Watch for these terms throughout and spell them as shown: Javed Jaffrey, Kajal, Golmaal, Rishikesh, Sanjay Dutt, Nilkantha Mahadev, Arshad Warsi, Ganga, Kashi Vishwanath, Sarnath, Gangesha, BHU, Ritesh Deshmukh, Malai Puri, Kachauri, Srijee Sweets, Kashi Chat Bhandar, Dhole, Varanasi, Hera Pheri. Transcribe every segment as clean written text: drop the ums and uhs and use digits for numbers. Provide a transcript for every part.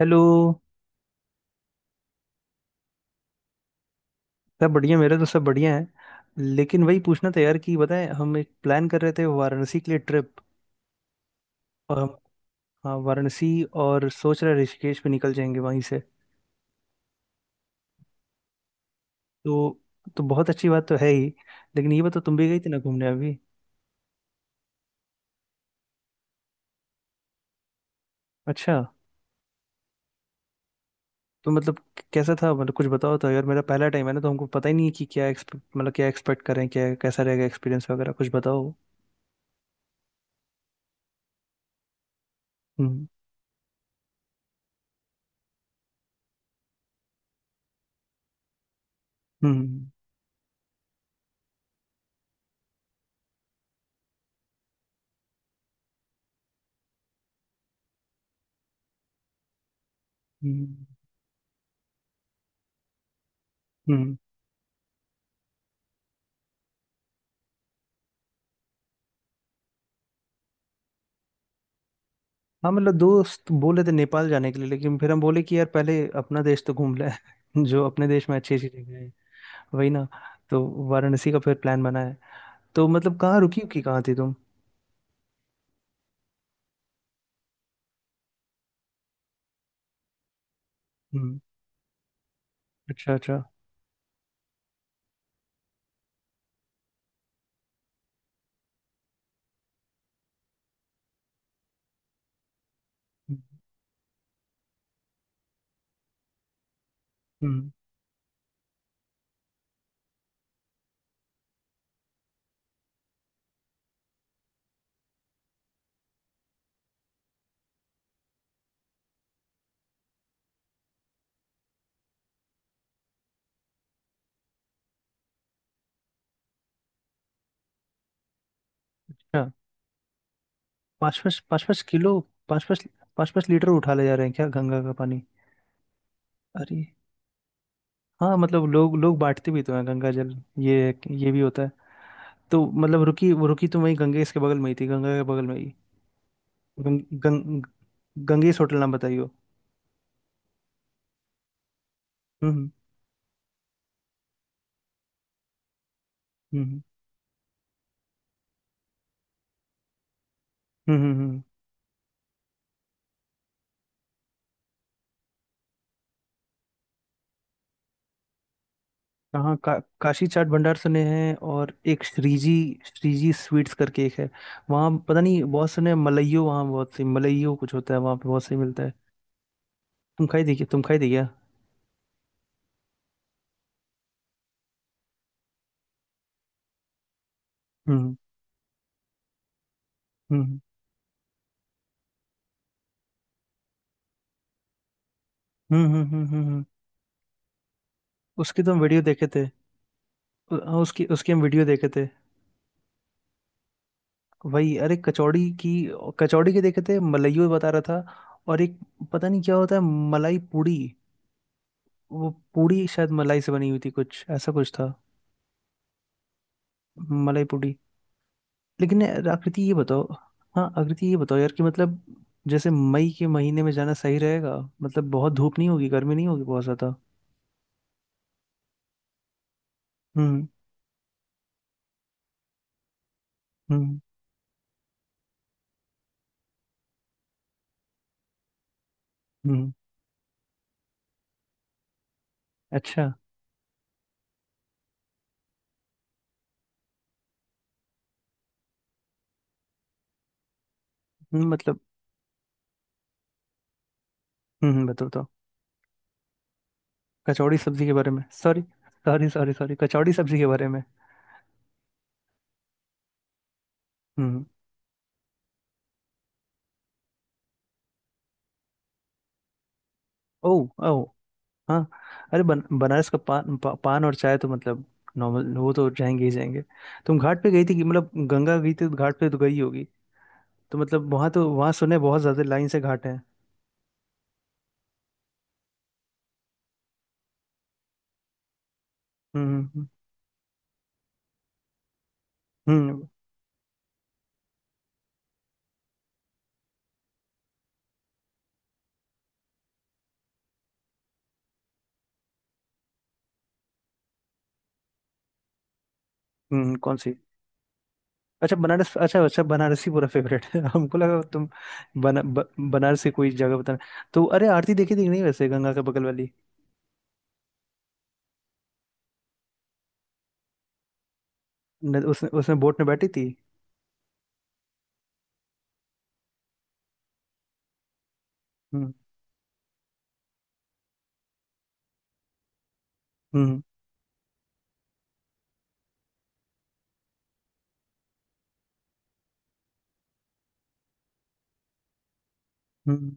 Hello. सब बढ़िया, मेरे तो सब बढ़िया है। लेकिन वही पूछना था यार कि बताएं, हम एक प्लान कर रहे थे वाराणसी के लिए ट्रिप। और हम हाँ, वाराणसी। और सोच रहे ऋषिकेश पे निकल जाएंगे वहीं से। तो तो बहुत अच्छी बात तो है ही। लेकिन ये बताओ, तुम भी गई थी ना घूमने अभी? अच्छा। तो मतलब कैसा था? मतलब कुछ बताओ तो यार, मेरा पहला टाइम है ना, तो हमको पता ही नहीं है कि क्या एक्सपेक्ट, मतलब क्या एक्सपेक्ट करें, क्या कैसा रहेगा एक्सपीरियंस वगैरह, कुछ बताओ। हम्म। हम्म। हम्म। हम्म। हाँ, मतलब दोस्त बोले थे नेपाल जाने के लिए, लेकिन फिर हम बोले कि यार पहले अपना देश तो घूम ले। जो अपने देश में अच्छी अच्छी जगह है। वही ना। तो वाराणसी का फिर प्लान बना है। तो मतलब कहाँ रुकी उकी, कहाँ थी तुम? हम्म। अच्छा अच्छा। हम्म, हम्म। अच्छा, 5 5 5 5 किलो? 5 5 5 5 लीटर उठा ले जा रहे हैं क्या गंगा का पानी? अरे, हाँ मतलब लोग लोग बांटते भी तो हैं गंगा जल। ये ये भी होता है। तो मतलब रुकी, वो रुकी तो वही गंगेश के बगल में ही थी, गंगा के बगल में ही। गंग, गंग, गंगेश होटल नाम बताइयो। हम्म, हम्म हम्म हम्म, हम्म। यहाँ का काशी चाट भंडार सुने हैं, और एक श्रीजी, स्वीट्स करके एक है। वहाँ पता नहीं बहुत सुने हैं, मलाइयो। वहाँ बहुत सी मलाइयो कुछ होता है वहाँ पे, बहुत सही मिलता है। तुम खाई देखिए। हम्म हम्म हम्म हम्म हम्म हम्म, हम्म। हम्म, हम्म। उसकी तो हम वीडियो देखे थे। हाँ, उसकी उसकी हम वीडियो देखे थे। वही, अरे कचौड़ी की। कचौड़ी के देखे थे, मलाइयो बता रहा था। और एक, पता नहीं क्या होता है, मलाई पूड़ी। वो पूड़ी शायद मलाई से बनी हुई थी, कुछ ऐसा कुछ था। मलाई पूड़ी। लेकिन यार आकृति, ये बताओ। हाँ आकृति ये बताओ यार कि मतलब जैसे मई के महीने में जाना सही रहेगा? मतलब बहुत धूप नहीं होगी, गर्मी नहीं होगी बहुत ज्यादा? हम्म। हम्म। हम्म। अच्छा। मतलब, बताओ बताओ। कचौड़ी सब्जी के बारे में। सॉरी, सॉरी सॉरी सॉरी, कचौड़ी सब्जी के बारे में। हम्म। ओ। ओ। हाँ। अरे बनारस का पान, पान और चाय तो मतलब नॉर्मल, वो तो जाएंगे। तुम घाट पे गई थी कि मतलब गंगा गई थी तो घाट पे तो गई होगी। तो मतलब वहां तो, वहां सुने बहुत ज्यादा लाइन से घाट है। हम्म हम्म, हम्म। हम्म। हम्म, कौन सी? अच्छा, बनारस, अच्छा अच्छा, बनारस ही पूरा फेवरेट है। हमको लगा तुम बनारस की कोई जगह बताना। तो अरे आरती देखी थी कि नहीं वैसे, गंगा के बगल वाली? न, उसने उसमें बोट में बैठी थी। हम्म हम्म हम्म।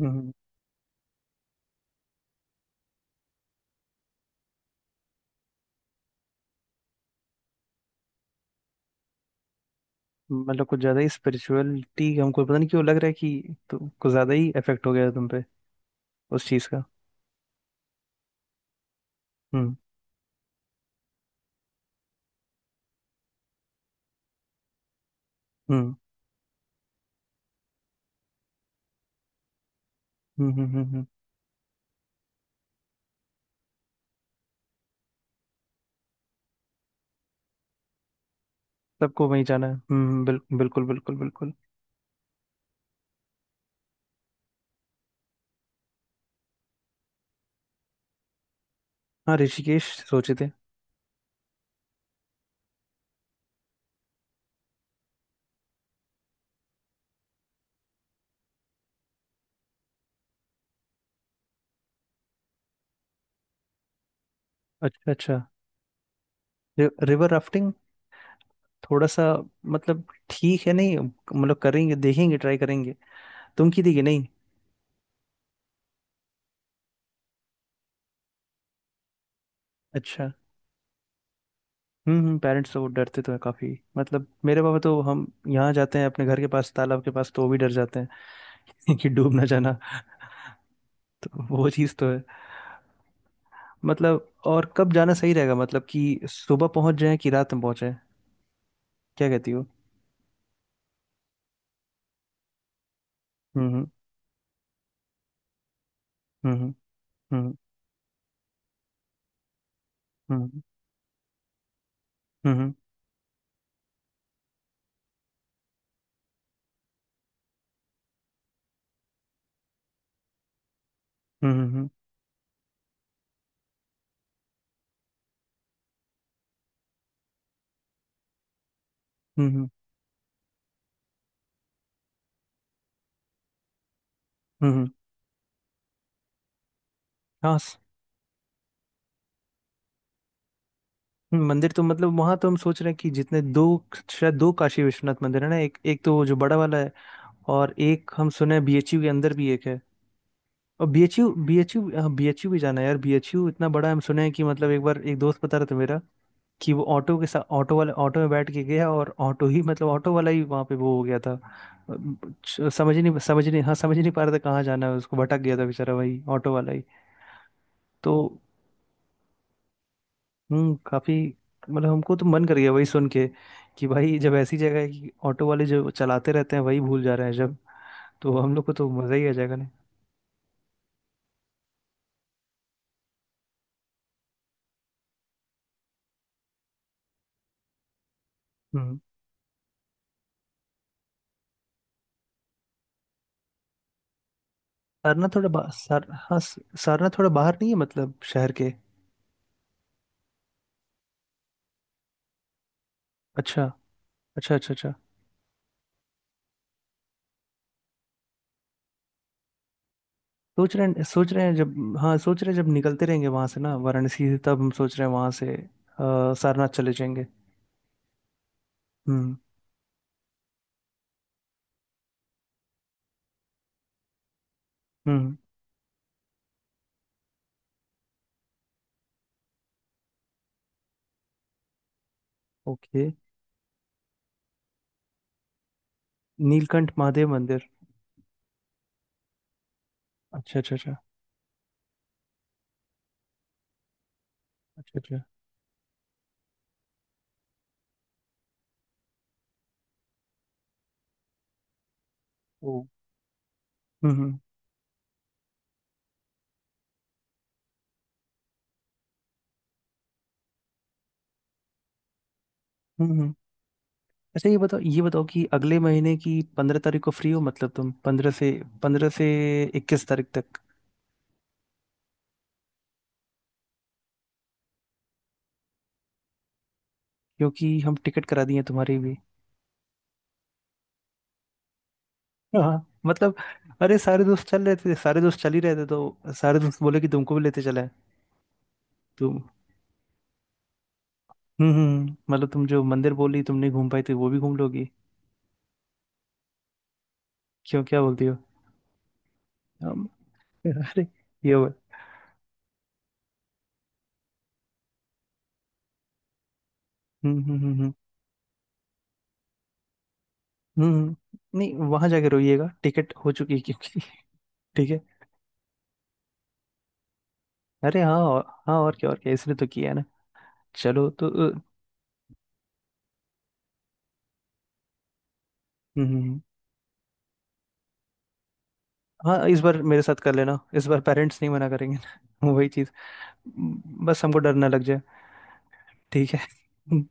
हम्म। हम्म। मतलब कुछ ज्यादा ही स्पिरिचुअलिटी, हमको पता नहीं क्यों लग रहा है कि तो कुछ ज्यादा ही इफेक्ट हो गया है तुम पे उस चीज का। हम्म हम्म हम्म, हम्म। हम्म। सबको वहीं जाना है, हम्म, बिल्कुल बिल्कुल बिल्कुल। हाँ, ऋषिकेश सोचे थे। अच्छा अच्छा। River rafting? थोड़ा सा, मतलब ठीक है, नहीं मतलब करेंगे, देखेंगे, ट्राई करेंगे। तुम की देगी नहीं। अच्छा। हम्म, पेरेंट्स तो वो डरते तो है काफी। मतलब मेरे पापा तो, हम यहाँ जाते हैं अपने घर के पास तालाब के पास, तो वो भी डर जाते हैं कि डूब ना जाना। तो वो चीज़ तो है। मतलब और कब जाना सही रहेगा? मतलब कि सुबह पहुंच जाए कि रात में पहुंचे, क्या कहती हो? हम्म। हम्म। हम्म। हम्म। हम्म। हम्म। हम्म। हम्म। हम्म। हम्म। हम्म, हम्म, हाँ। मंदिर तो मतलब वहां तो हम सोच रहे हैं कि जितने दो, शायद दो काशी विश्वनाथ मंदिर है ना, एक एक तो वो जो बड़ा वाला है, और एक हम सुने हैं बीएचयू के अंदर भी एक है। और बीएचयू, हाँ बीएचयू भी जाना है यार, बीएचयू इतना बड़ा है। हम सुने हैं कि मतलब एक बार एक दोस्त बता रहा था मेरा, कि वो ऑटो के साथ, ऑटो वाले, ऑटो में बैठ के गया और ऑटो ही मतलब ऑटो वाला ही वहां पे वो हो गया था। समझ ही नहीं हाँ, समझ ही नहीं पा रहा था कहाँ जाना है उसको, भटक गया था बेचारा वही ऑटो वाला ही। तो हम्म, काफी। मतलब हमको तो मन कर गया वही सुन के कि भाई, जब ऐसी जगह है कि ऑटो वाले जो चलाते रहते हैं वही भूल जा रहे हैं, जब तो हम लोग को तो मजा ही आ जाएगा नहीं। हम्म। सारनाथ थोड़ा बा, सार हाँ सारनाथ थोड़ा बाहर नहीं है मतलब शहर के? अच्छा अच्छा अच्छा अच्छा। सोच रहे हैं, सोच रहे हैं जब हाँ सोच रहे हैं, जब निकलते रहेंगे वहां से ना वाराणसी से, तब हम सोच रहे हैं वहां से सारनाथ चले जाएंगे। हम्म। हम्म। ओके, नीलकंठ महादेव मंदिर। अच्छा अच्छा अच्छा अच्छा अच्छा। ओ। हम्म। हम्म। अच्छा ये बताओ, ये बताओ कि अगले महीने की 15 तारीख को फ्री हो? मतलब तुम पंद्रह से 21 तारीख तक। क्योंकि हम टिकट करा दिए हैं तुम्हारी भी। हाँ, मतलब अरे सारे दोस्त चल रहे थे सारे दोस्त चल ही रहे थे तो, सारे दोस्त बोले कि तुमको भी लेते चला है। तुम मतलब तुम जो मंदिर बोली तुम नहीं घूम पाई, तो वो भी घूम लोगी। क्यों, क्या बोलती हो? हम, अरे, ये हुआ। हम्म हम्म हम्म हम्म हम्म, नहीं वहां जाके रोइएगा, टिकट हो चुकी है क्योंकि। ठीक है। अरे हाँ, और हाँ और क्या, और क्या, इसने तो किया है ना। चलो तो। हम्म हम्म, हम्म। हाँ, इस बार मेरे साथ कर लेना, इस बार पेरेंट्स नहीं मना करेंगे ना वही चीज़। बस हमको डर ना लग जाए। ठीक है।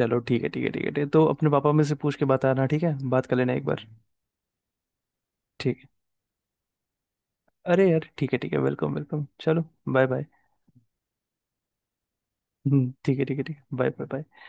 चलो, ठीक है ठीक है ठीक है ठीक है। तो अपने पापा में से पूछ के बताना, ठीक है, बात कर लेना एक बार। ठीक है, अरे यार ठीक है ठीक है, वेलकम वेलकम, चलो। Bye bye. हम्म, ठीक है ठीक है ठीक है। Bye bye bye.